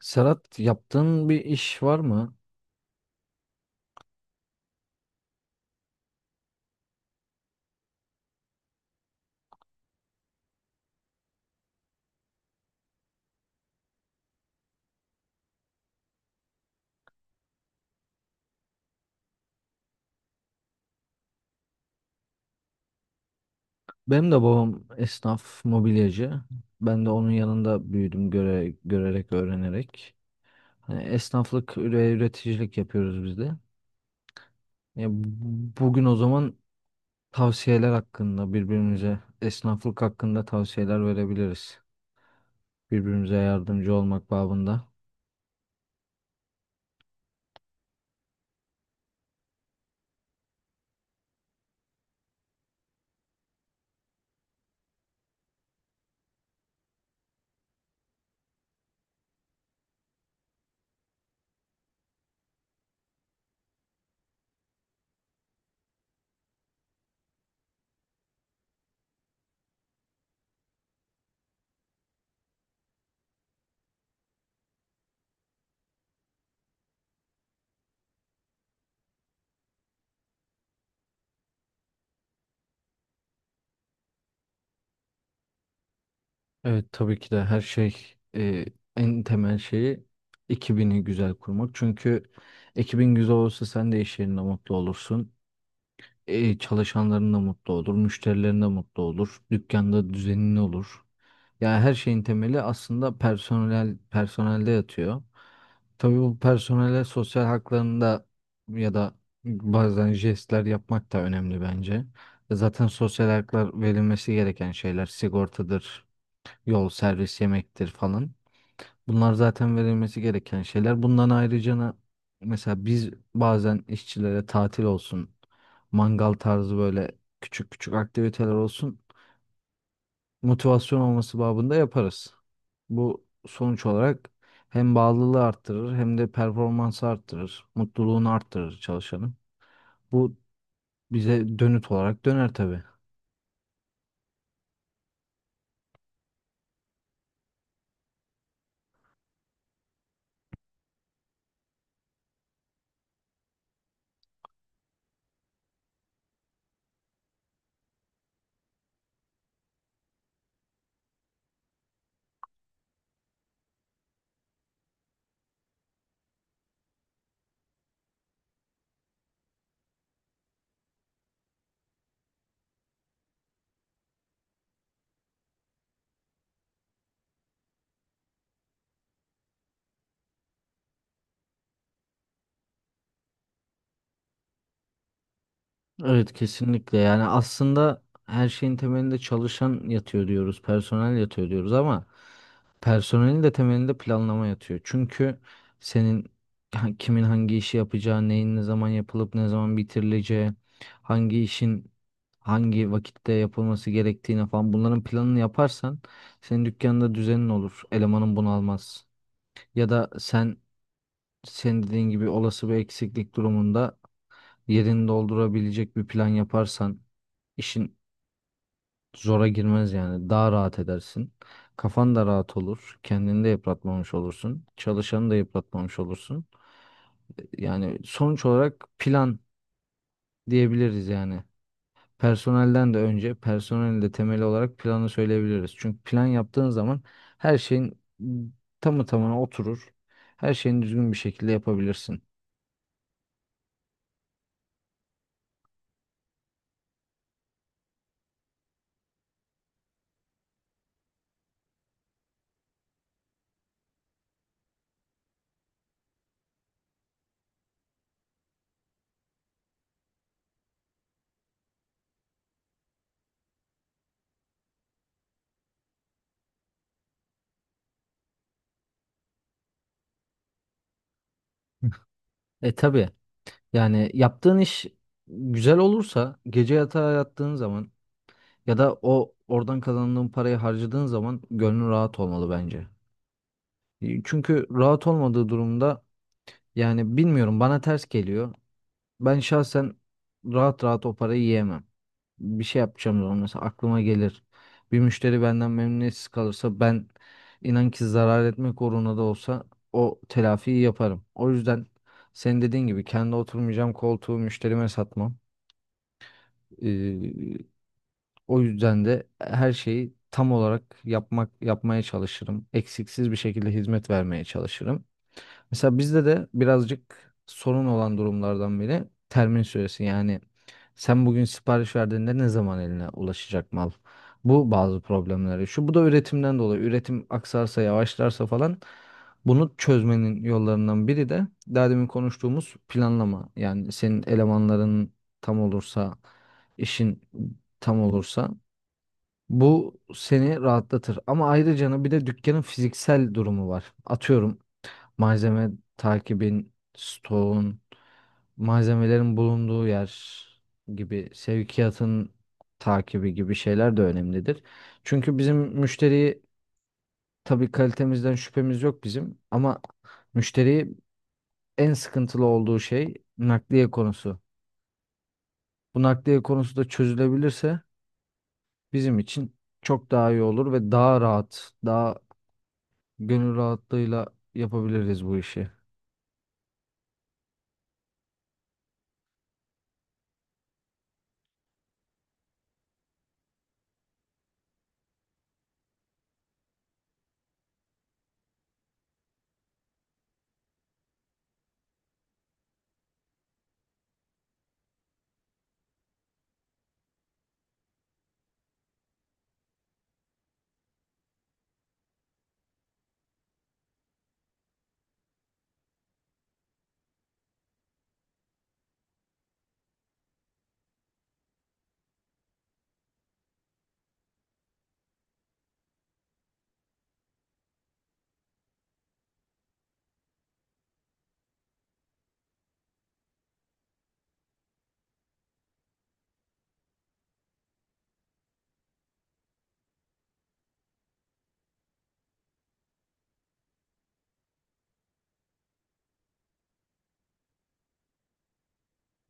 Serhat, yaptığın bir iş var mı? Benim de babam esnaf, mobilyacı. Ben de onun yanında büyüdüm görerek, öğrenerek. Hani esnaflık ve üreticilik yapıyoruz biz de. Bugün o zaman tavsiyeler hakkında, birbirimize esnaflık hakkında tavsiyeler verebiliriz. Birbirimize yardımcı olmak babında. Evet, tabii ki de her şey, en temel şeyi ekibini güzel kurmak. Çünkü ekibin güzel olursa sen de iş yerinde mutlu olursun. E, çalışanların da mutlu olur, müşterilerin de mutlu olur, dükkanda düzenli olur. Yani her şeyin temeli aslında personelde yatıyor. Tabii bu personele sosyal haklarında ya da bazen jestler yapmak da önemli bence. Zaten sosyal haklar verilmesi gereken şeyler sigortadır, yol, servis, yemektir falan. Bunlar zaten verilmesi gereken şeyler. Bundan ayrıca mesela biz bazen işçilere tatil olsun, mangal tarzı böyle küçük küçük aktiviteler olsun, motivasyon olması babında yaparız. Bu sonuç olarak hem bağlılığı arttırır, hem de performansı arttırır, mutluluğunu arttırır çalışanın. Bu bize dönüt olarak döner tabii. Evet, kesinlikle. Yani aslında her şeyin temelinde çalışan yatıyor diyoruz, personel yatıyor diyoruz ama personelin de temelinde planlama yatıyor. Çünkü senin kimin hangi işi yapacağı, neyin ne zaman yapılıp ne zaman bitirileceği, hangi işin hangi vakitte yapılması gerektiğine falan, bunların planını yaparsan senin dükkanında düzenin olur, elemanın bunu almaz. Ya da senin dediğin gibi olası bir eksiklik durumunda yerini doldurabilecek bir plan yaparsan işin zora girmez yani. Daha rahat edersin. Kafan da rahat olur. Kendini de yıpratmamış olursun, çalışanı da yıpratmamış olursun. Yani sonuç olarak plan diyebiliriz yani. Personelden de önce, personelin de temeli olarak planı söyleyebiliriz. Çünkü plan yaptığın zaman her şeyin tamı tamına oturur. Her şeyini düzgün bir şekilde yapabilirsin. E tabii. Yani yaptığın iş güzel olursa gece yatağa yattığın zaman ya da oradan kazandığın parayı harcadığın zaman gönlün rahat olmalı bence. E, çünkü rahat olmadığı durumda, yani bilmiyorum, bana ters geliyor. Ben şahsen rahat rahat o parayı yiyemem. Bir şey yapacağım zaman mesela aklıma gelir. Bir müşteri benden memnuniyetsiz kalırsa ben, inan ki zarar etmek uğruna da olsa, o telafiyi yaparım. O yüzden senin dediğin gibi kendi oturmayacağım koltuğu müşterime satmam. Ee, O yüzden de her şeyi tam olarak yapmaya çalışırım. Eksiksiz bir şekilde hizmet vermeye çalışırım. Mesela bizde de birazcık sorun olan durumlardan biri termin süresi. Yani sen bugün sipariş verdiğinde ne zaman eline ulaşacak mal? Bu bazı problemleri. Şu bu da üretimden dolayı. Üretim aksarsa, yavaşlarsa falan, bunu çözmenin yollarından biri de daha demin konuştuğumuz planlama. Yani senin elemanların tam olursa, işin tam olursa bu seni rahatlatır. Ama ayrıca bir de dükkanın fiziksel durumu var. Atıyorum, malzeme takibin, stoğun, malzemelerin bulunduğu yer gibi, sevkiyatın takibi gibi şeyler de önemlidir. Çünkü bizim müşteriyi, tabii kalitemizden şüphemiz yok bizim ama müşteriyi en sıkıntılı olduğu şey nakliye konusu. Bu nakliye konusu da çözülebilirse bizim için çok daha iyi olur ve daha rahat, daha gönül rahatlığıyla yapabiliriz bu işi.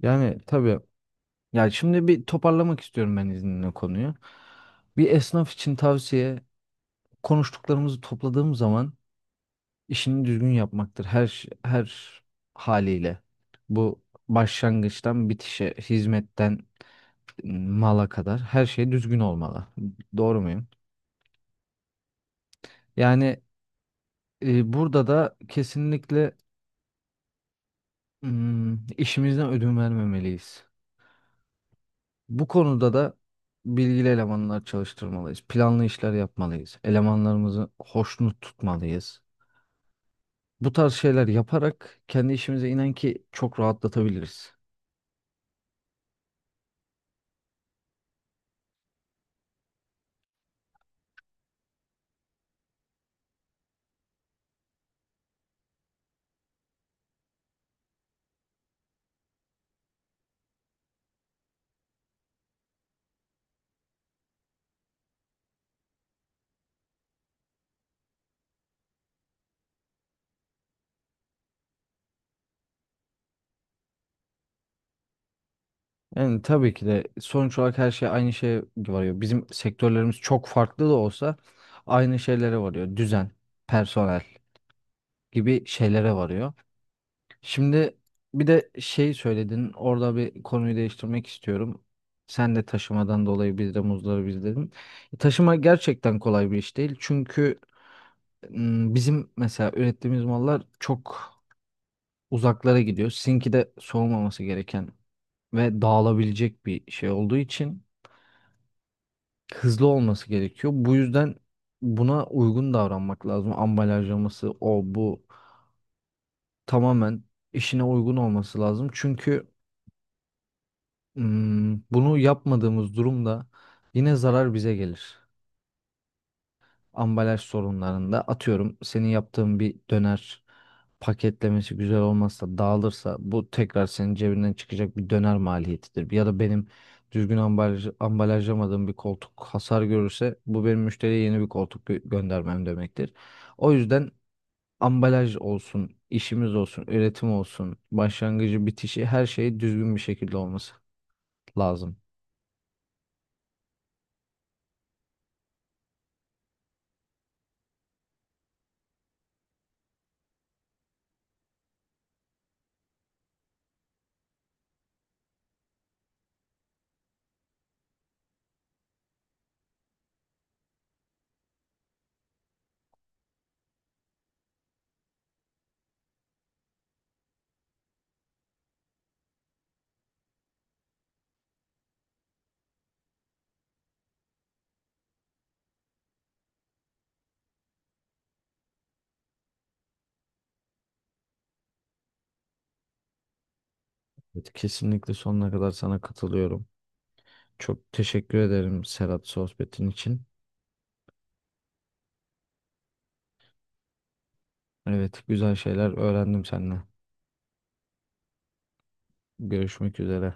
Yani tabii. Ya şimdi bir toparlamak istiyorum ben izninle konuyu. Bir esnaf için tavsiye, konuştuklarımızı topladığım zaman, işini düzgün yapmaktır her haliyle. Bu başlangıçtan bitişe, hizmetten mala kadar her şey düzgün olmalı. Doğru muyum? Yani burada da kesinlikle işimizden ödün vermemeliyiz. Bu konuda da bilgili elemanlar çalıştırmalıyız. Planlı işler yapmalıyız. Elemanlarımızı hoşnut tutmalıyız. Bu tarz şeyler yaparak kendi işimize inen ki çok rahatlatabiliriz. Yani tabii ki de sonuç olarak her şey aynı şeye varıyor. Bizim sektörlerimiz çok farklı da olsa aynı şeylere varıyor. Düzen, personel gibi şeylere varıyor. Şimdi bir de şey söyledin, orada bir konuyu değiştirmek istiyorum. Sen de taşımadan dolayı biz de muzdaribiz dedin. Taşıma gerçekten kolay bir iş değil. Çünkü bizim mesela ürettiğimiz mallar çok uzaklara gidiyor. Sizinki de soğumaması gereken ve dağılabilecek bir şey olduğu için hızlı olması gerekiyor. Bu yüzden buna uygun davranmak lazım. Ambalajlaması, o bu, tamamen işine uygun olması lazım. Çünkü bunu yapmadığımız durumda yine zarar bize gelir. Ambalaj sorunlarında atıyorum, senin yaptığın bir döner paketlemesi güzel olmazsa, dağılırsa, bu tekrar senin cebinden çıkacak bir döner maliyetidir. Ya da benim ambalajlamadığım bir koltuk hasar görürse bu benim müşteriye yeni bir koltuk göndermem demektir. O yüzden ambalaj olsun, işimiz olsun, üretim olsun, başlangıcı bitişi her şey düzgün bir şekilde olması lazım. Evet, kesinlikle sonuna kadar sana katılıyorum. Çok teşekkür ederim Serhat, sohbetin için. Evet, güzel şeyler öğrendim seninle. Görüşmek üzere.